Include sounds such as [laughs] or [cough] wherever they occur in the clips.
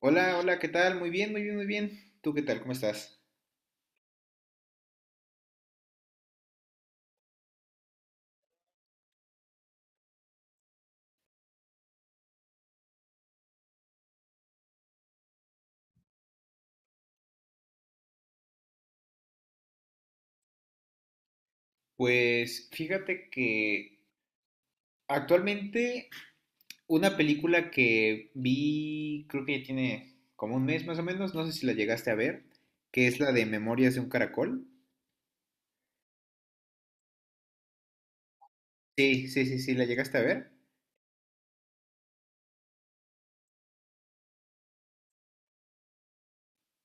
Hola, hola, ¿qué tal? Muy bien, muy bien, muy bien. ¿Tú qué tal? ¿Cómo estás? Pues fíjate que actualmente una película que vi, creo que ya tiene como un mes más o menos, no sé si la llegaste a ver, que es la de Memorias de un Caracol. Sí, sí, sí, sí, la llegaste a ver.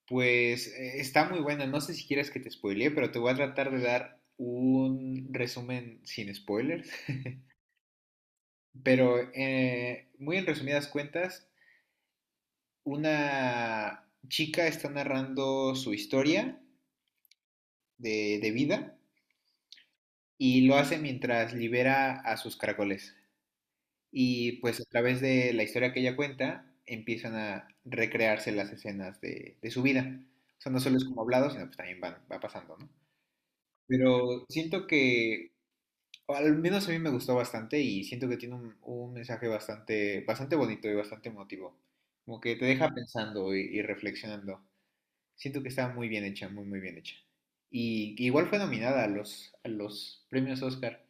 Pues está muy buena, no sé si quieres que te spoilee, pero te voy a tratar de dar un resumen sin spoilers. [laughs] Pero muy en resumidas cuentas, una chica está narrando su historia de vida y lo hace mientras libera a sus caracoles. Y pues a través de la historia que ella cuenta, empiezan a recrearse las escenas de su vida. O sea, no solo es como hablado, sino pues también va pasando, ¿no? Pero siento que, o al menos a mí me gustó bastante y siento que tiene un mensaje bastante, bastante bonito y bastante emotivo. Como que te deja pensando y reflexionando. Siento que está muy bien hecha, muy, muy bien hecha. Y igual fue nominada a los premios Oscar,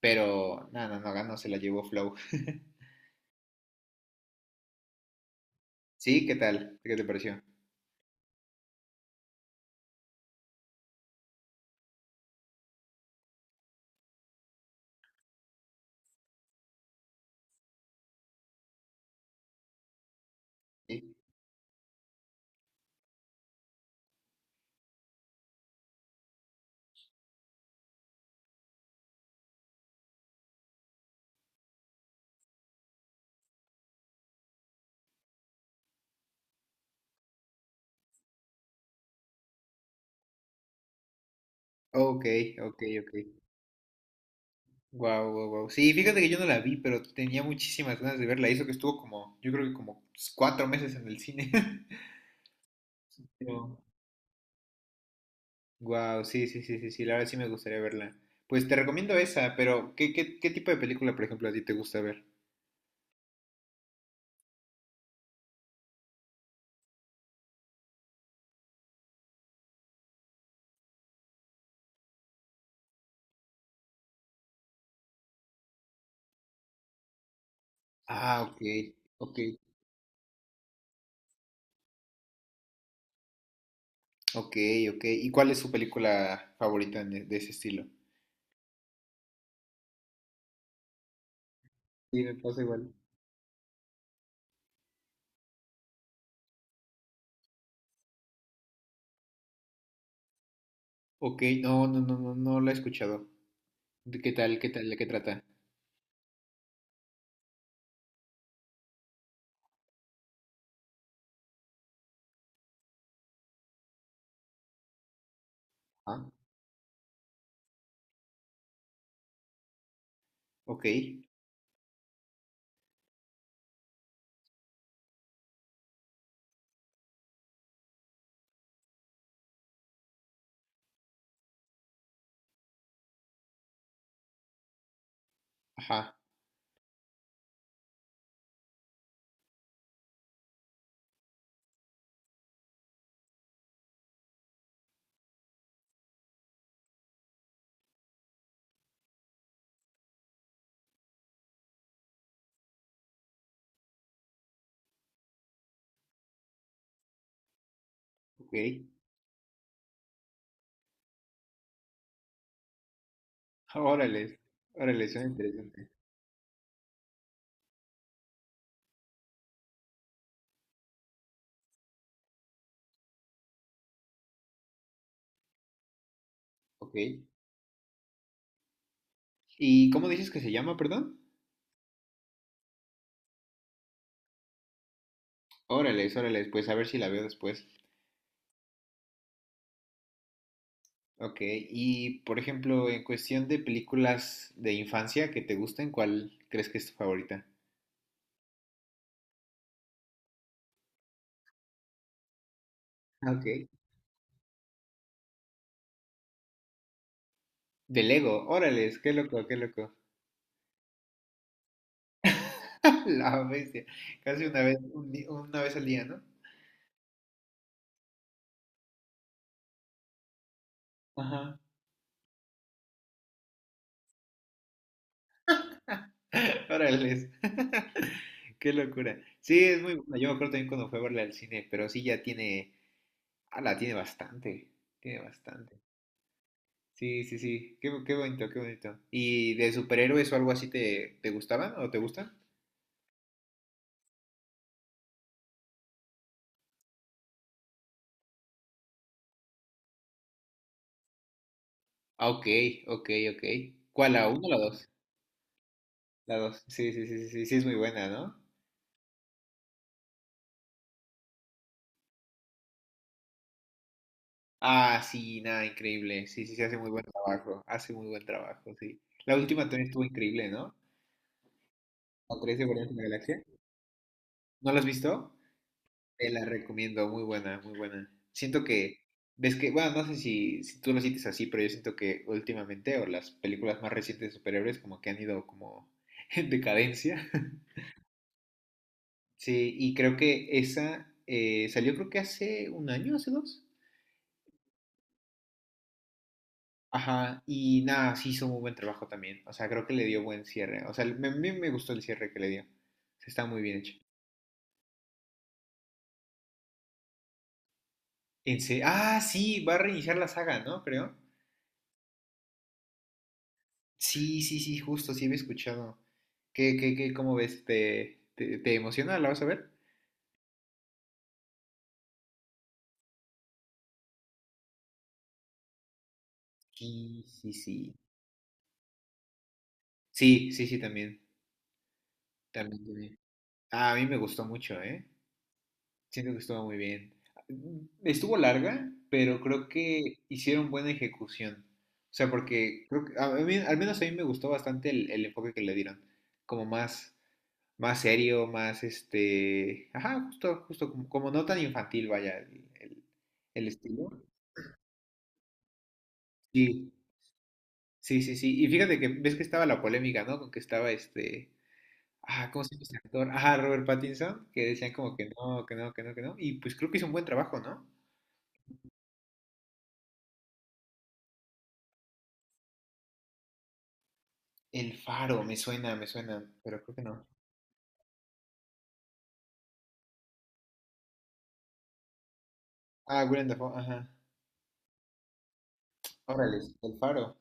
pero nada, no, no ganó, se la llevó Flow. Sí, ¿qué tal? ¿Qué te pareció? Sí. Ok, ok, ok. Wow, wow, wow. Sí, fíjate que yo no la vi, pero tenía muchísimas ganas de verla. Hizo que estuvo como, yo creo que como cuatro meses en el cine. [laughs] Wow, sí, sí, sí, sí, sí, la verdad sí me gustaría verla. Pues te recomiendo esa, pero ¿qué tipo de película, por ejemplo, a ti te gusta ver? Ah, ok, ok, ok, ok. ¿Y cuál es su película favorita de ese estilo? Sí, me pasa igual. Ok, no, no, no, no, no la he escuchado. ¿De qué tal, ¿de qué trata? Ah, ok, ajá, ok. Órale, órale, suena interesante. Ok. ¿Y cómo dices que se llama, perdón? Órale, órale, pues a ver si la veo después. Ok, y por ejemplo, en cuestión de películas de infancia que te gusten, ¿cuál crees que es tu favorita? Ah, ok. De Lego, órale, qué loco, qué loco. [laughs] La bestia. Casi una vez, una vez al día, ¿no? Ajá. Órale. [laughs] Qué locura. Sí, es muy buena. Yo me acuerdo también cuando fue a verla al cine, pero sí ya tiene. Ah, la tiene bastante. Tiene bastante. Sí, sí, sí. Qué bonito, qué bonito. ¿Y de superhéroes o algo así te, te gustaban o te gustan? Ah, ok, ok, ok. ¿Cuál, la uno o la dos? La dos. Sí, sí, sí, sí, sí, sí, es muy buena, ¿no? Ah, sí, nada, increíble. Sí, sí, sí, hace muy buen trabajo. Hace muy buen trabajo, sí. La última también estuvo increíble, ¿no? ¿Con 13 Guardianes de la Galaxia? ¿No la has visto? Te la recomiendo, muy buena, muy buena. Siento que, ves que, bueno, no sé si tú lo sientes así, pero yo siento que últimamente, o las películas más recientes de superhéroes, como que han ido como [laughs] en decadencia. [laughs] Sí, y creo que esa salió creo que hace un año, hace dos. Ajá, y nada, sí hizo muy buen trabajo también. O sea, creo que le dio buen cierre. O sea, me, a mí me gustó el cierre que le dio. Se está muy bien hecho. Ah, sí, va a reiniciar la saga, ¿no? Creo. Sí, sí, sí, justo, sí había escuchado. ¿Cómo ves? ¿Te, te, te emociona? ¿La vas a ver? Sí, sí, sí. Sí, sí, sí, también. También, también. Ah, a mí me gustó mucho, ¿eh? Siento que estuvo muy bien. Estuvo larga, pero creo que hicieron buena ejecución. O sea, porque creo que a mí, al menos a mí me gustó bastante el enfoque que le dieron. Como más, más serio, más este. Ajá, justo, justo, como, como no tan infantil, vaya, el estilo. Sí, sí, sí, sí. Y fíjate que ves que estaba la polémica, ¿no? Con que estaba este. Ah, ¿cómo se llama este actor? Ah, Robert Pattinson, que decían como que no, que no, que no, que no. Y pues creo que hizo un buen trabajo, ¿no? El Faro, me suena, pero creo que no. Ah, Willem Dafoe, ajá. Órale, El Faro,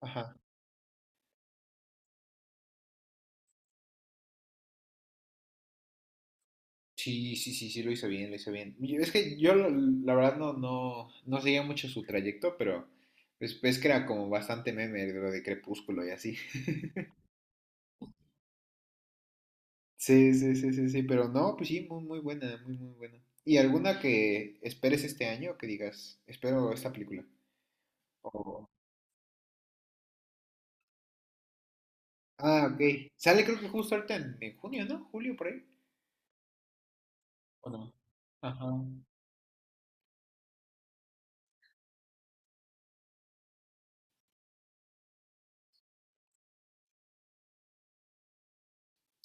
ajá. Sí, sí, sí, sí, lo hizo bien, lo hizo bien. Es que yo, la verdad, no, no, no seguía mucho su trayecto, pero pues, es que era como bastante meme de lo de Crepúsculo y así. [laughs] Sí, sí, sí, sí, sí, pero no, pues sí, muy, muy buena, muy, muy buena. ¿Y alguna que esperes este año que digas, espero esta película? O- Ah, ok. Sale creo que justo ahorita en junio, ¿no? Julio, por ahí. ¿O no? Ajá.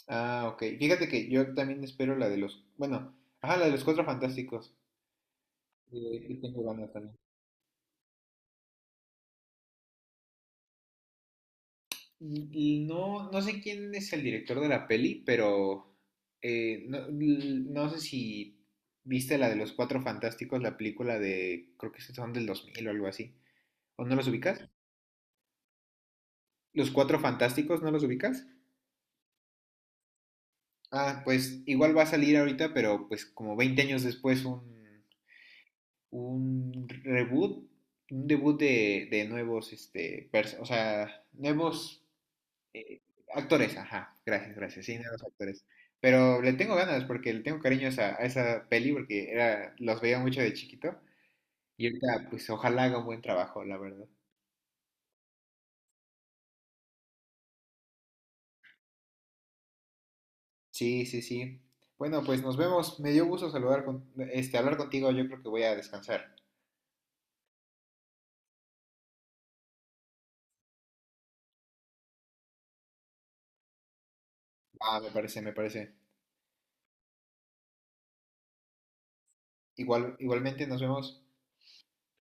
Ah, ok. Fíjate que yo también espero la de los, bueno, ajá, la de los Cuatro Fantásticos. Yo tengo ganas también. Y no, no sé quién es el director de la peli, pero no, no sé si viste la de los Cuatro Fantásticos, la película de, creo que son del 2000 o algo así. ¿O no los ubicas? ¿Los Cuatro Fantásticos no los ubicas? Ah, pues igual va a salir ahorita, pero pues como 20 años después un reboot, un debut de nuevos, este, o sea, nuevos eh, actores, ajá, gracias, gracias, sí, nuevos actores. Pero le tengo ganas porque le tengo cariño a esa peli porque era, los veía mucho de chiquito y ahorita pues ojalá haga un buen trabajo, la verdad. Sí, sí, sí. Bueno, pues nos vemos. Me dio gusto saludar con, este, hablar contigo. Yo creo que voy a descansar. Ah, me parece, me parece. Igual, igualmente nos vemos.